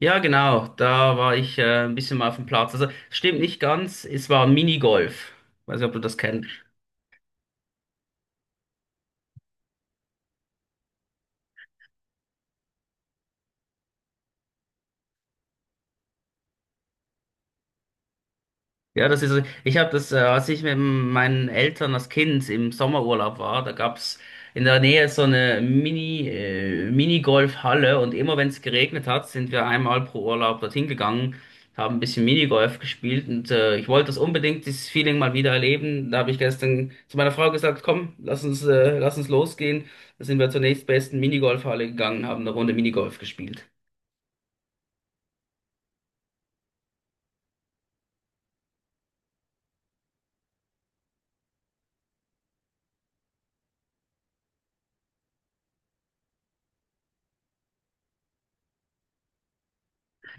Ja, genau, da war ich ein bisschen mal auf dem Platz. Also, stimmt nicht ganz, es war Minigolf. Weiß nicht, ob du das kennst. Ich habe als ich mit meinen Eltern als Kind im Sommerurlaub war, da gab's in der Nähe so eine Minigolfhalle und immer wenn es geregnet hat, sind wir einmal pro Urlaub dorthin gegangen, haben ein bisschen Minigolf gespielt und ich wollte das unbedingt, dieses Feeling mal wieder erleben. Da habe ich gestern zu meiner Frau gesagt, komm, lass uns losgehen. Da sind wir zur nächstbesten Minigolfhalle gegangen, haben eine Runde Minigolf gespielt.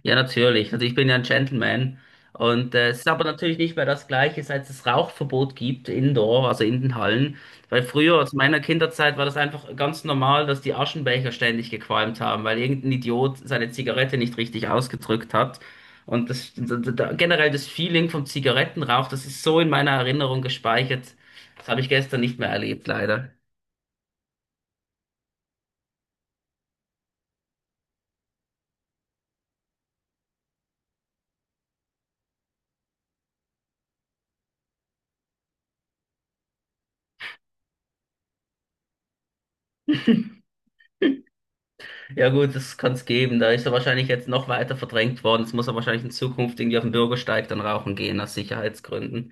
Ja, natürlich. Also ich bin ja ein Gentleman. Und es ist aber natürlich nicht mehr das Gleiche, seit es Rauchverbot gibt, indoor, also in den Hallen. Weil früher, aus meiner Kinderzeit, war das einfach ganz normal, dass die Aschenbecher ständig gequalmt haben, weil irgendein Idiot seine Zigarette nicht richtig ausgedrückt hat. Und das, d- d- d- generell das Feeling vom Zigarettenrauch, das ist so in meiner Erinnerung gespeichert. Das habe ich gestern nicht mehr erlebt, leider. Ja gut, das kann's geben. Da ist er wahrscheinlich jetzt noch weiter verdrängt worden. Jetzt muss er wahrscheinlich in Zukunft irgendwie auf den Bürgersteig dann rauchen gehen, aus Sicherheitsgründen.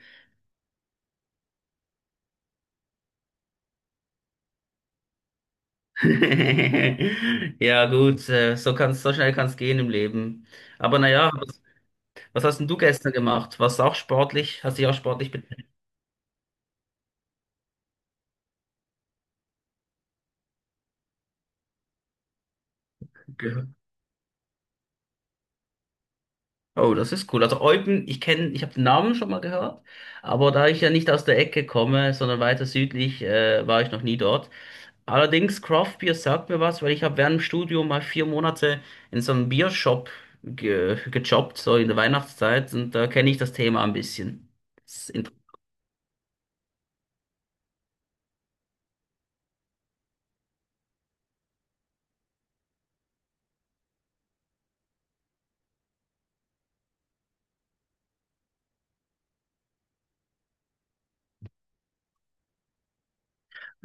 Ja gut, so kann's, so schnell kann's gehen im Leben. Aber naja, was hast denn du gestern gemacht? Warst du auch sportlich? Hast dich auch sportlich betätigt? Gehört? Oh, das ist cool. Also Eupen, ich habe den Namen schon mal gehört, aber da ich ja nicht aus der Ecke komme, sondern weiter südlich, war ich noch nie dort. Allerdings, Craftbier sagt mir was, weil ich habe während dem Studium mal 4 Monate in so einem Biershop ge gejobbt, so in der Weihnachtszeit, und da kenne ich das Thema ein bisschen. Das ist inter-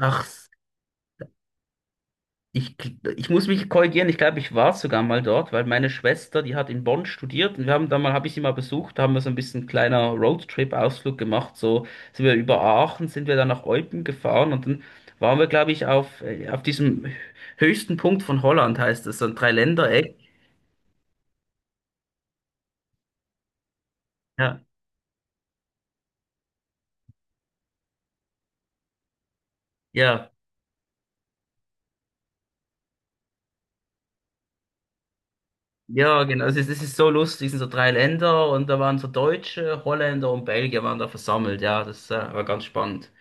Ach, ich, ich muss mich korrigieren, ich glaube, ich war sogar mal dort, weil meine Schwester, die hat in Bonn studiert und wir haben da mal, habe ich sie mal besucht, da haben wir so ein bisschen kleiner Roadtrip-Ausflug gemacht, so sind wir über Aachen, sind wir dann nach Eupen gefahren und dann waren wir, glaube ich, auf diesem höchsten Punkt von Holland, heißt es, so ein Dreiländereck. Ja, Ja, ja, genau. Also das ist so lustig, es sind so drei Länder und da waren so Deutsche, Holländer und Belgier waren da versammelt. Ja, das war ganz spannend.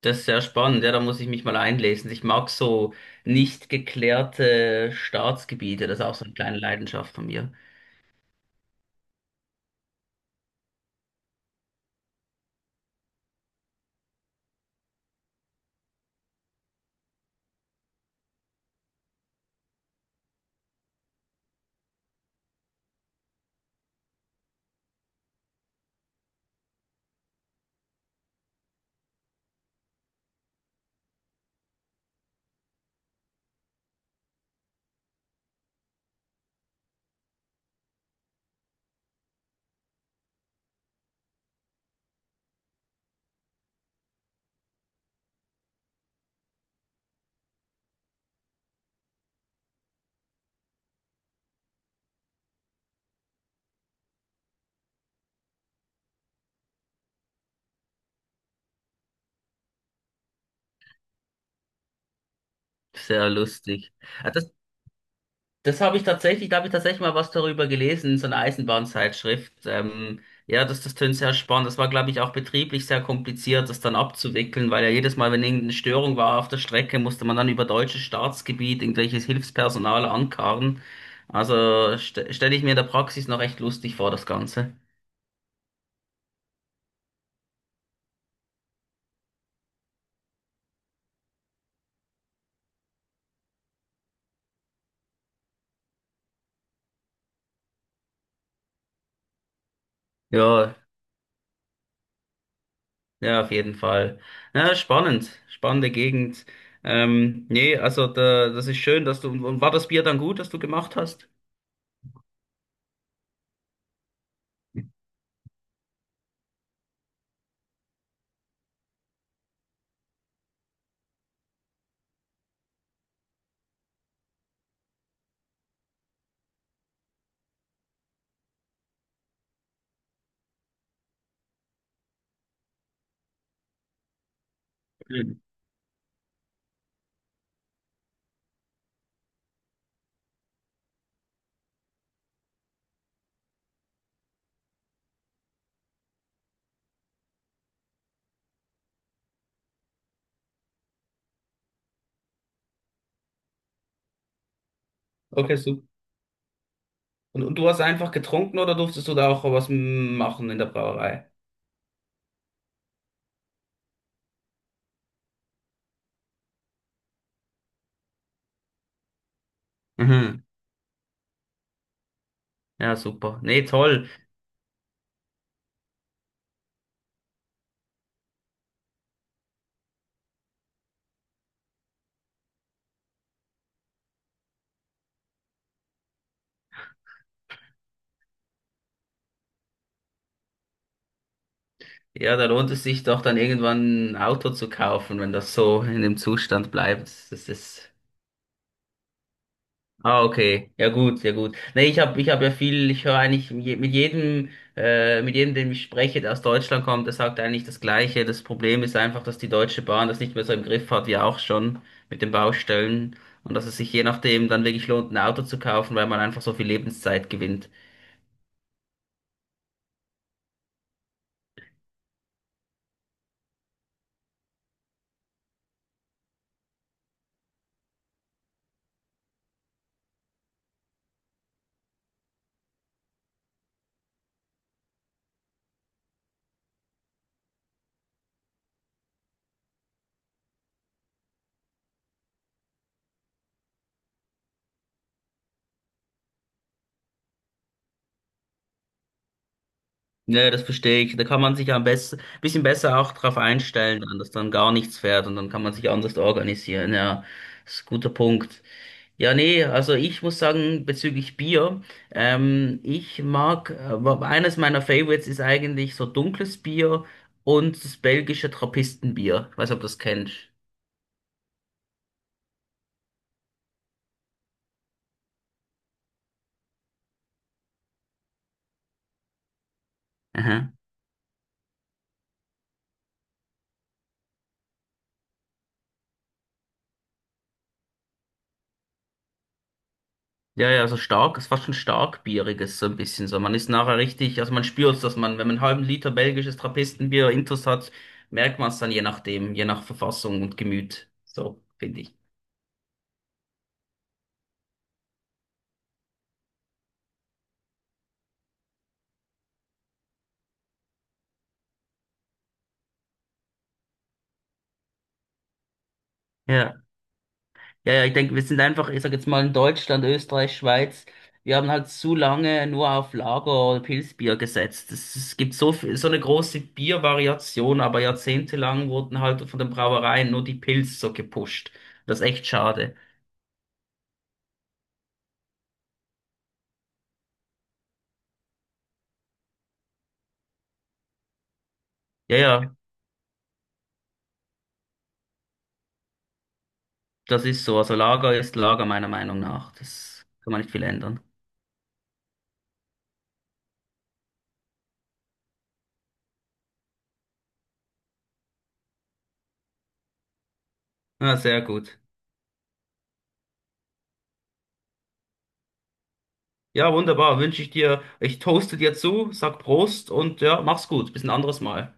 Das ist sehr spannend, ja, da muss ich mich mal einlesen. Ich mag so nicht geklärte Staatsgebiete, das ist auch so eine kleine Leidenschaft von mir. Sehr lustig. Ah. Das habe ich tatsächlich, da habe ich tatsächlich mal was darüber gelesen, in so einer Eisenbahnzeitschrift. Ja, das tönt sehr spannend. Das war, glaube ich, auch betrieblich sehr kompliziert, das dann abzuwickeln, weil ja jedes Mal, wenn irgendeine Störung war auf der Strecke, musste man dann über deutsches Staatsgebiet irgendwelches Hilfspersonal ankarren. Also st stelle ich mir in der Praxis noch echt lustig vor, das Ganze. Ja, ja, auf jeden Fall. Ja, spannend, spannende Gegend. Nee, also da, das ist schön, dass du, und war das Bier dann gut, das du gemacht hast? Mhm. Okay, super. Und du hast einfach getrunken oder durftest du da auch was machen in der Brauerei? Mhm. Ja, super. Nee, toll. Ja, da lohnt es sich doch dann irgendwann ein Auto zu kaufen, wenn das so in dem Zustand bleibt. Das ist. Ah, okay. Ja gut, ja gut. Nee, ich hab ja viel, ich höre eigentlich mit jedem, dem ich spreche, der aus Deutschland kommt, der sagt eigentlich das Gleiche. Das Problem ist einfach, dass die Deutsche Bahn das nicht mehr so im Griff hat, wie auch schon mit den Baustellen. Und dass es sich je nachdem dann wirklich lohnt, ein Auto zu kaufen, weil man einfach so viel Lebenszeit gewinnt. Nee, das verstehe ich. Da kann man sich ja am besten, bisschen besser auch drauf einstellen, dann, dass dann gar nichts fährt und dann kann man sich anders organisieren. Ja, das ist ein guter Punkt. Ja, nee, also ich muss sagen, bezüglich Bier, eines meiner Favorites ist eigentlich so dunkles Bier und das belgische Trappistenbier. Ich weiß nicht, ob du das kennst. Aha. Ja, ja, so stark, ist fast schon stark bieriges, so ein bisschen so. Man ist nachher richtig, also man spürt dass man, wenn man einen halben Liter belgisches Trappistenbier intus hat, merkt man es dann je nachdem, je nach Verfassung und Gemüt. So, finde ich. Ja. Ja, ja, ich denke, wir sind einfach, ich sag jetzt mal in Deutschland, Österreich, Schweiz, wir haben halt zu lange nur auf Lager- oder Pilzbier gesetzt. Es gibt so viel, so eine große Biervariation, aber jahrzehntelang wurden halt von den Brauereien nur die Pils so gepusht. Das ist echt schade. Ja, ja, das ist so. Also Lager ist Lager meiner Meinung nach. Das kann man nicht viel ändern. Ja, sehr gut. Ja, wunderbar. Wünsche ich dir, ich toaste dir zu, sag Prost und ja, mach's gut. Bis ein anderes Mal.